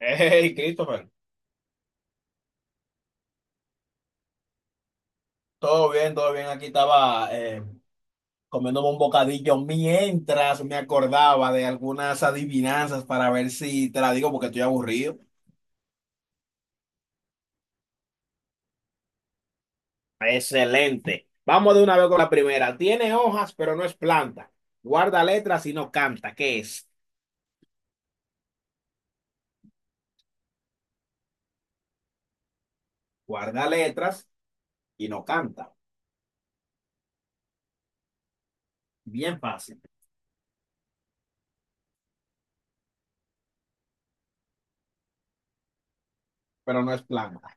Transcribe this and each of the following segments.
Hey, Christopher, todo bien, todo bien. Aquí estaba comiéndome un bocadillo mientras me acordaba de algunas adivinanzas para ver si te la digo porque estoy aburrido. Excelente. Vamos de una vez con la primera. Tiene hojas, pero no es planta. Guarda letras y no canta. ¿Qué es? Guarda letras y no canta. Bien fácil, pero no es planta,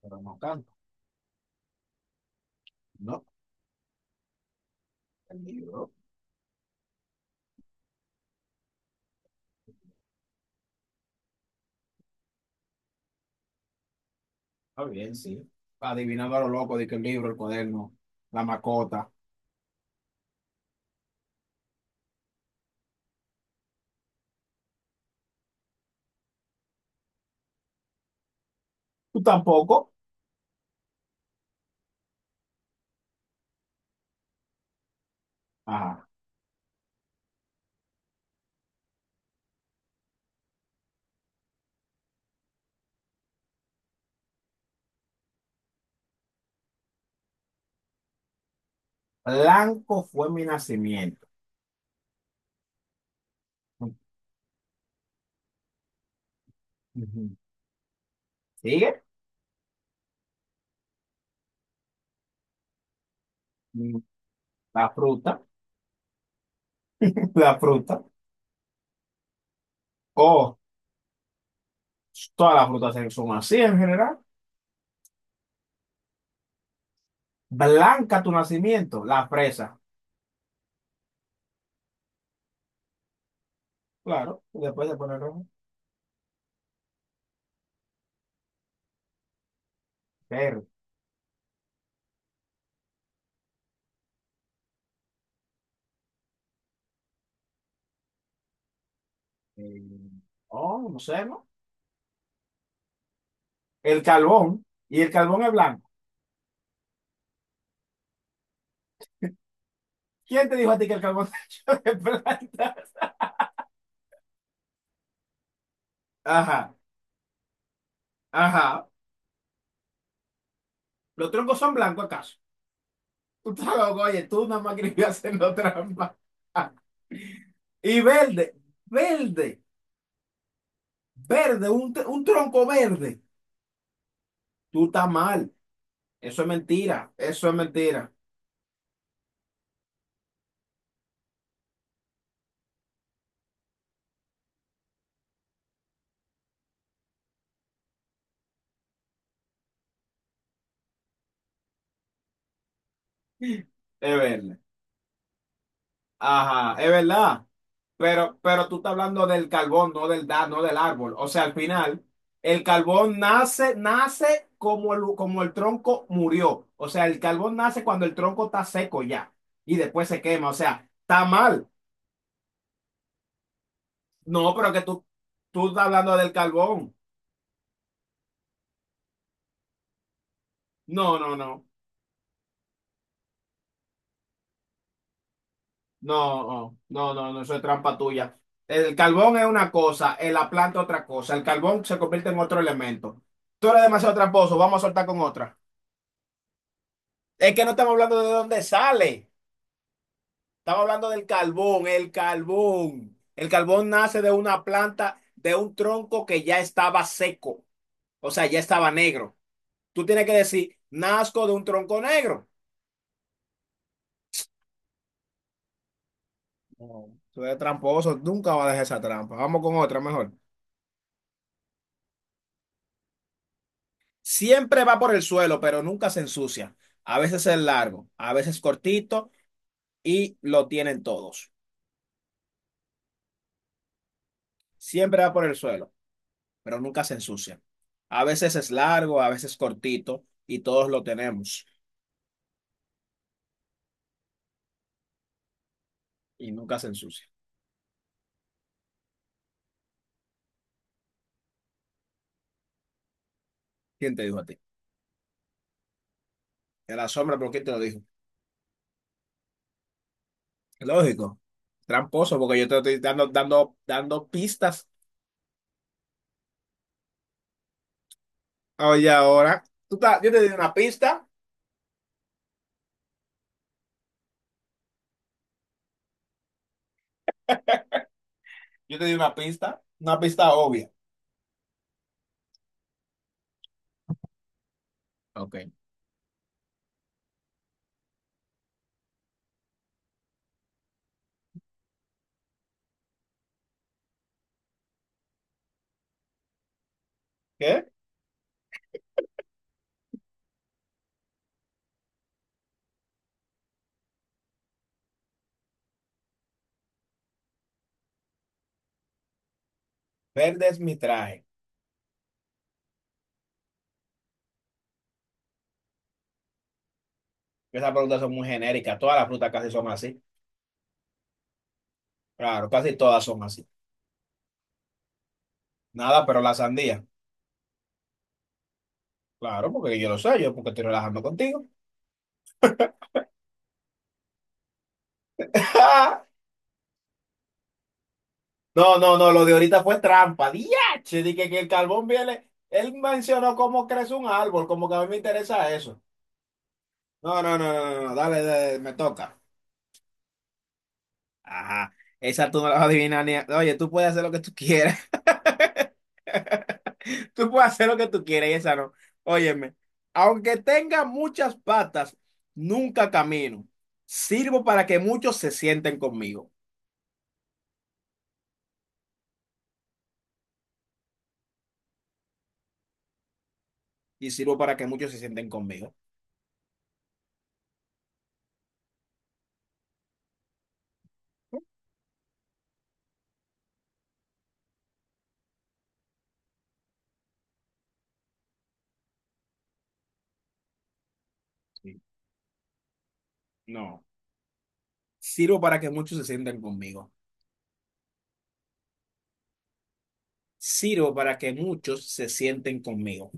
pero no canta. No, el libro. Está bien, sí. Adivinando a lo loco de que el libro, el cuaderno, la macota. Tú tampoco. Ajá. Blanco fue mi nacimiento. Ujú. ¿Sigue? Mm, la fruta, la fruta. O todas las son así en general. Blanca tu nacimiento, la fresa. Claro, y después se pone rojo. Verde. eh, oh, no sé, ¿no? El carbón. Y el carbón es blanco. ¿Quién te dijo a ti que el carbón está hecho de plantas? Ajá, ajá. ¿Los troncos son blancos acaso? Tú estabas, oye, tú nada más querías haciendo trampa. Y verde, verde, verde, un, un tronco verde. Tú estás mal. Eso es mentira, eso es mentira. Es verde. Ajá, es verdad. Pero tú estás hablando del carbón, no del da, no del árbol. O sea, al final, el carbón nace, nace como el tronco murió. O sea, el carbón nace cuando el tronco está seco ya. Y después se quema. O sea, está mal. No, pero que tú estás hablando del carbón. No, no, no. No, no, no, no, no, eso es trampa tuya. El carbón es una cosa, la planta otra cosa. El carbón se convierte en otro elemento. Tú eres demasiado tramposo, vamos a soltar con otra. Es que no estamos hablando de dónde sale. Estamos hablando del carbón, el carbón. El carbón nace de una planta, de un tronco que ya estaba seco. O sea, ya estaba negro. Tú tienes que decir, nazco de un tronco negro. No, tú eres tramposo, nunca va a dejar esa trampa. Vamos con otra mejor. Siempre va por el suelo, pero nunca se ensucia. A veces es largo, a veces cortito y lo tienen todos. Siempre va por el suelo, pero nunca se ensucia. A veces es largo, a veces cortito y todos lo tenemos y nunca se ensucia. ¿Quién te dijo a ti? En la sombra, pero ¿quién te lo dijo? Lógico, tramposo, porque yo te estoy dando, dando, dando pistas. Oye, ahora, yo te di una pista, yo te di una pista obvia. Ok. ¿Qué? Verde es mi traje. Esas preguntas son muy genéricas. Todas las frutas casi son así. Claro, casi todas son así. Nada, pero la sandía. Claro, porque yo lo sé, yo porque estoy relajando contigo. No, no, no, lo de ahorita fue trampa. Diache, dije que el carbón viene. Él mencionó cómo crece un árbol, como que a mí me interesa eso. No, no, no, no, no, no, dale, dale, me toca. Ajá, esa tú no la vas a adivinar ni. A- Oye, tú puedes hacer lo que tú quieras. Tú puedes hacer lo que tú quieras y esa no. Óyeme, aunque tenga muchas patas, nunca camino. Sirvo para que muchos se sienten conmigo. Y sirvo para que muchos se sienten conmigo. Sí. No. Sirvo para que muchos se sienten conmigo. Sirvo para que muchos se sienten conmigo.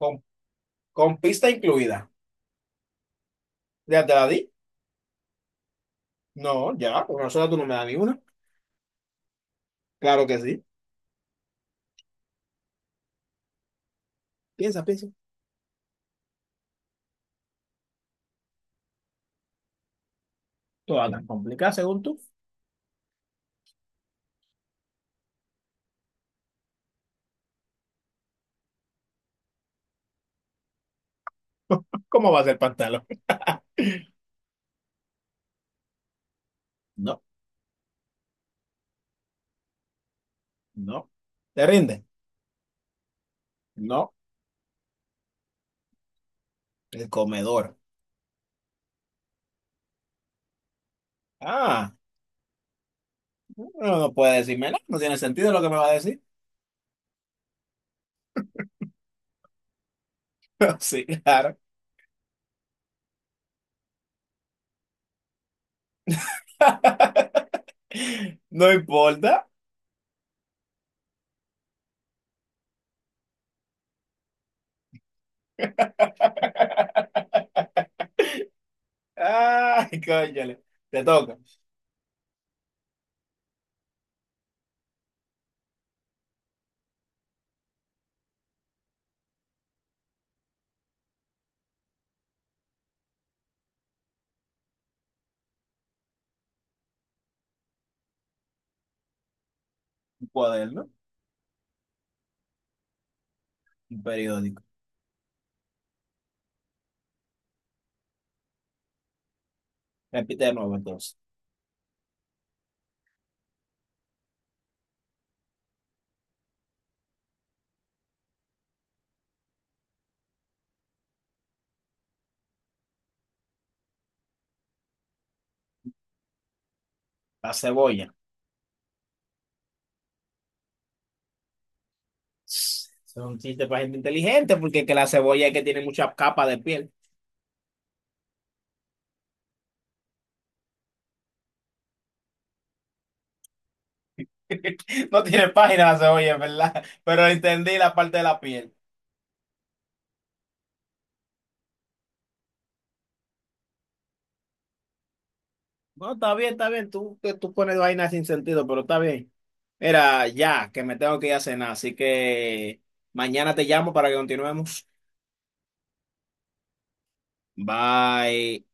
Con, con pista incluida. ¿Ya te la di? No, ya, con nosotros tú no me das ni una. Claro que sí. Piensa, piensa. Toda tan complicada según tú. ¿Cómo va a ser pantalón? No, no. ¿Te rinde? No. El comedor. Ah, no, no puede decirme nada. No tiene sentido lo que me va a decir. Sí, claro. No importa. Ay, cónchale. Te toca. Un cuaderno, un periódico. Repite de nuevo entonces. La cebolla. Es un chiste para gente inteligente porque es que la cebolla es que tiene muchas capas de piel. No tiene página la cebolla, es ¿verdad? Pero entendí la parte de la piel. No, está bien, está bien. Tú, que tú pones vainas sin sentido, pero está bien. Era ya, que me tengo que ir a cenar, así que mañana te llamo para que continuemos. Bye.